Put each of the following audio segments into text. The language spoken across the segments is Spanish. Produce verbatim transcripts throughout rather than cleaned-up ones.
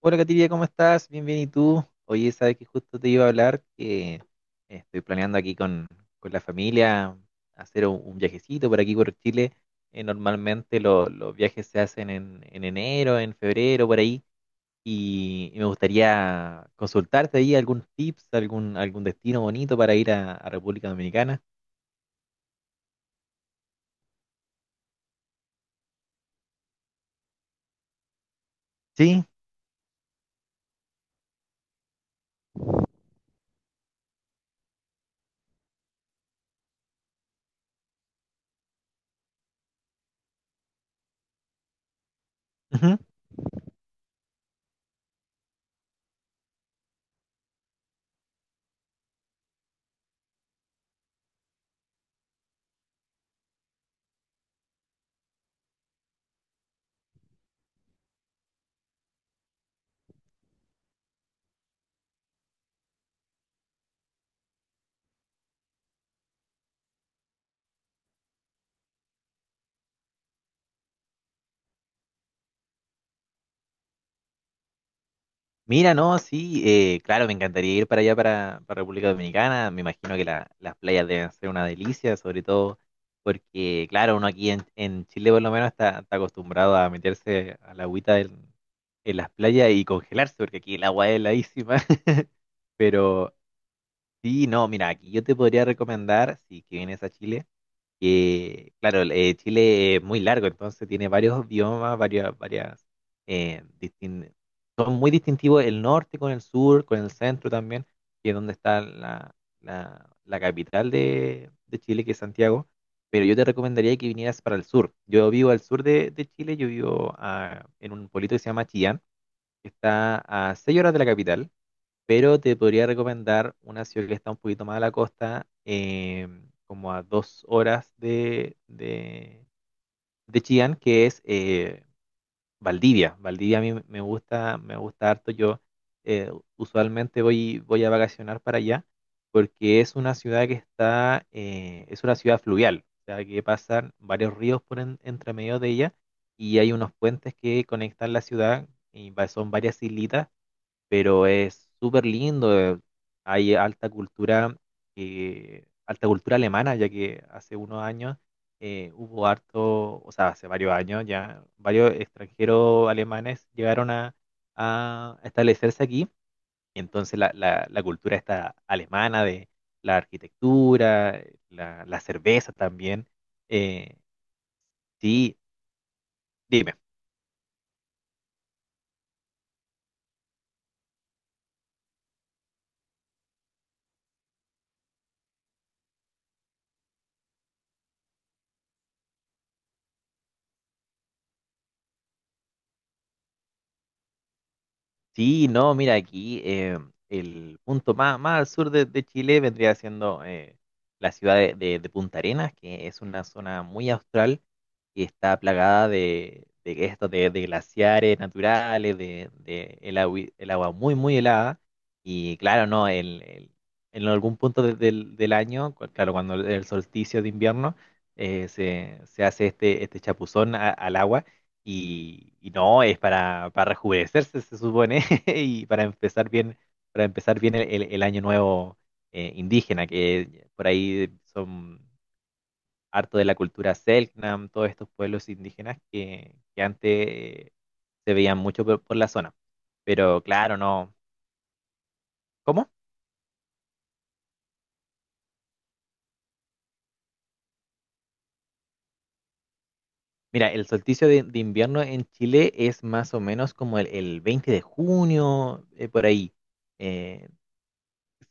Hola Katiria, ¿cómo estás? Bien, bien, ¿y tú? Oye, sabes que justo te iba a hablar que eh, estoy planeando aquí con, con la familia hacer un, un viajecito por aquí por Chile. Eh, normalmente lo- los viajes se hacen en, en enero, en febrero, por ahí. Y, y me gustaría consultarte ahí algún tips, algún, algún destino bonito para ir a, a República Dominicana. Sí. Mira, no, sí, eh, claro, me encantaría ir para allá, para, para República Dominicana. Me imagino que la- las playas deben ser una delicia, sobre todo porque, claro, uno aquí en, en Chile por lo menos está, está acostumbrado a meterse a la agüita en, en las playas y congelarse, porque aquí el agua es heladísima. Pero sí, no, mira, aquí yo te podría recomendar, si que vienes a Chile, que, claro, eh, Chile es muy largo, entonces tiene varios biomas, varias, varias, eh, distin- son muy distintivos el norte con el sur, con el centro también, que es donde está la, la, la capital de, de Chile, que es Santiago, pero yo te recomendaría que vinieras para el sur. Yo vivo al sur de, de Chile, yo vivo ah, en un pueblito que se llama Chillán, que está a seis horas de la capital, pero te podría recomendar una ciudad que está un poquito más a la costa, eh, como a dos horas de, de, de Chillán, que es eh, Valdivia. Valdivia a mí me gusta, me gusta harto. Yo eh, usualmente voy, voy a vacacionar para allá, porque es una ciudad que está, eh, es una ciudad fluvial, o sea, que pasan varios ríos por en- entre medio de ella y hay unos puentes que conectan la ciudad. Y va- son varias islitas pero es súper lindo. eh, Hay alta cultura, eh, alta cultura alemana, ya que hace unos años eh, hubo harto, o sea, hace varios años ya, varios extranjeros alemanes llegaron a, a establecerse aquí. Y entonces la, la, la cultura está alemana de la arquitectura, la, la cerveza también. eh, sí, dime. Sí, no, mira, aquí eh, el punto más, más al sur de, de Chile vendría siendo eh, la ciudad de, de- de Punta Arenas, que es una zona muy austral que está plagada de, de esto, de, de glaciares naturales, de, de el, agui- el agua muy, muy helada. Y claro, no, el, el- en algún punto de- del, del año, cu- claro, cuando el, el solsticio de invierno, eh, se, se hace este, este chapuzón a- al agua y, y no, es para, para rejuvenecerse, se supone, y para empezar bien, para empezar bien el, el- el año nuevo eh, indígena, que por ahí son harto de la cultura Selknam, todos estos pueblos indígenas que, que antes eh, se veían mucho por, por la zona. Pero claro, no. ¿Cómo? Mira, el solsticio de, de invierno en Chile es más o menos como el, el veinte de junio, eh, por ahí. eh,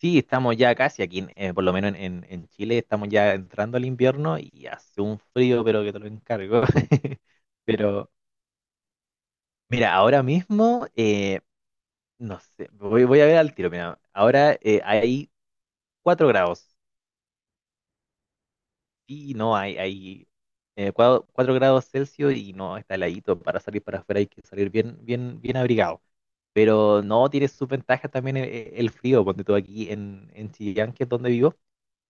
Sí, estamos ya casi aquí, en- eh, por lo menos en, en- en Chile, estamos ya entrando al invierno y hace un frío, pero que te lo encargo. Pero mira, ahora mismo, eh, no sé, voy, voy a ver al tiro. Mira, ahora eh, hay cuatro grados y no hay, hay eh, cuatro grados Celsius y no está heladito. Para salir para afuera hay que salir bien, bien, bien abrigado. Pero no tiene sus ventajas también el, el frío, ponte tú aquí en, en Chillán, que es donde vivo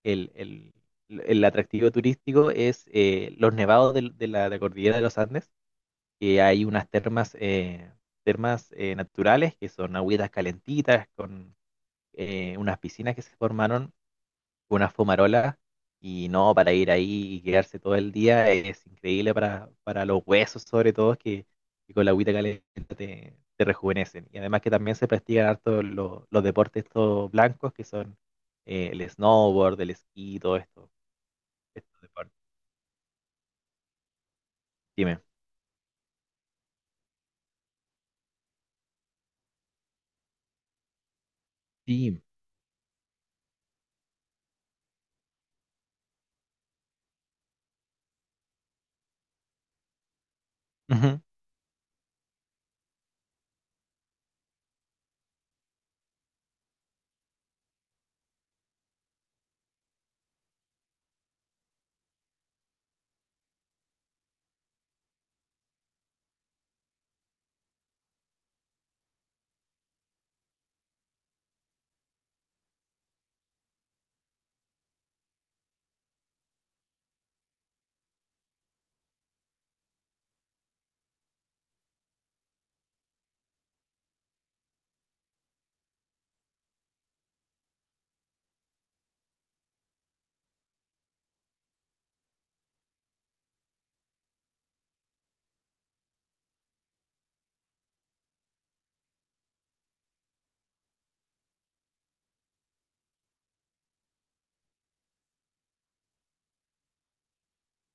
el, el- el atractivo turístico es eh, los nevados del- de, la, de la cordillera de los Andes, que hay unas termas, eh, termas eh, naturales, que son agüitas calentitas, con eh, unas piscinas que se formaron, unas fumarolas, y no, para ir ahí y quedarse todo el día es increíble para, para los huesos sobre todo, que, que con la agüita caliente te, te rejuvenecen. Y además que también se practican harto los, los deportes estos blancos, que son eh, el snowboard, el esquí, todo esto esto de parte. Dime. Sí. Ujú.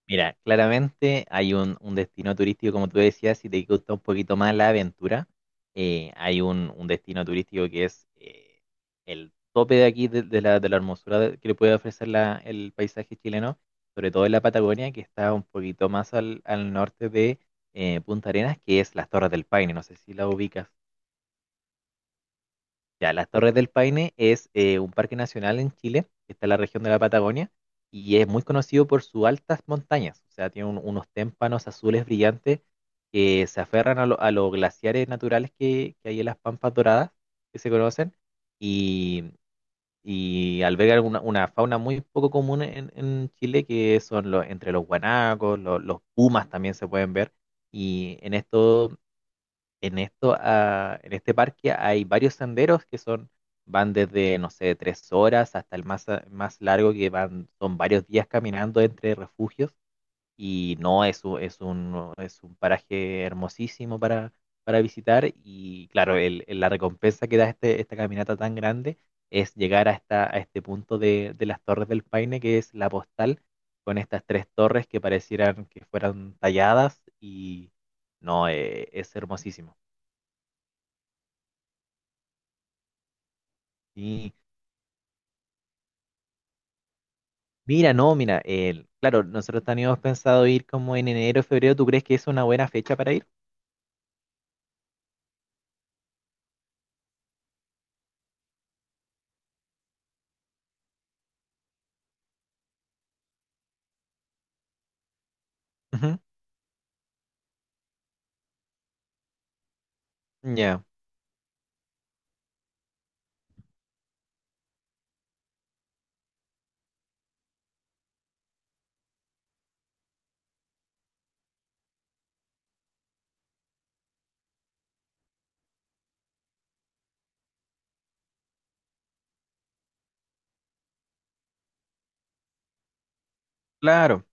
Mira, claramente hay un, un destino turístico, como tú decías, si te gusta un poquito más la aventura, eh, hay un, un destino turístico que es eh, el tope de aquí, de, de la, de la hermosura de- que le puede ofrecer la- el paisaje chileno, sobre todo en la Patagonia, que está un poquito más al, al norte de eh, Punta Arenas, que es las Torres del Paine, no sé si la ubicas. Ya, las Torres del Paine es eh, un parque nacional en Chile, que está en la región de la Patagonia, y es muy conocido por sus altas montañas. O sea, tiene un- unos témpanos azules brillantes que se aferran a, lo- a los glaciares naturales que, que hay en las Pampas Doradas, que se conocen, y, y albergan una, una fauna muy poco común en, en Chile, que son los, entre los guanacos, los, los pumas también se pueden ver, y en esto en esto, ah, en este parque hay varios senderos que son, van desde, no sé, tres horas hasta el más, a- más largo que van, son varios días caminando entre refugios y no es, un- es un, es un paraje hermosísimo para, para visitar y claro, el, el- la recompensa que da este, esta caminata tan grande es llegar a, esta, a este punto de, de las Torres del Paine que es la postal con estas tres torres que parecieran que fueran talladas y... No, eh, es hermosísimo. Sí. Mira, no, mira, el, claro, nosotros teníamos pensado ir como en enero, febrero. ¿Tú crees que es una buena fecha para ir? Ujú. Ya, claro.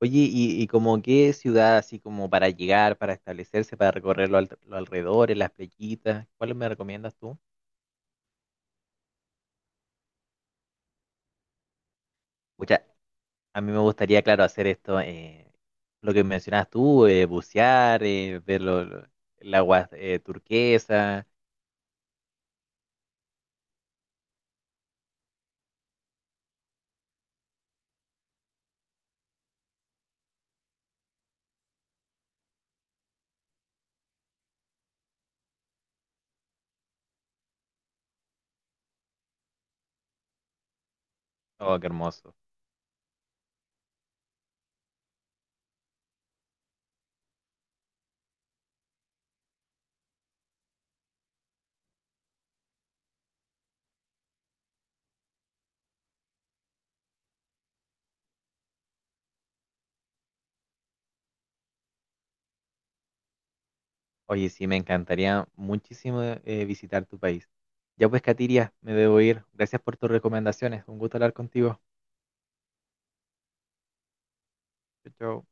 Oye, ¿y, y como qué ciudad, así como para llegar, para establecerse, para recorrer los, al- los alrededores, las playitas? ¿Cuáles me recomiendas tú? Pucha, a mí me gustaría, claro, hacer esto, eh, lo que mencionas tú, eh, bucear, eh, ver lo- lo- el agua eh, turquesa. Oh, qué hermoso. Oye, sí, me encantaría muchísimo eh, visitar tu país. Ya pues, Katiria, me debo ir. Gracias por tus recomendaciones. Un gusto hablar contigo. Chao, chao.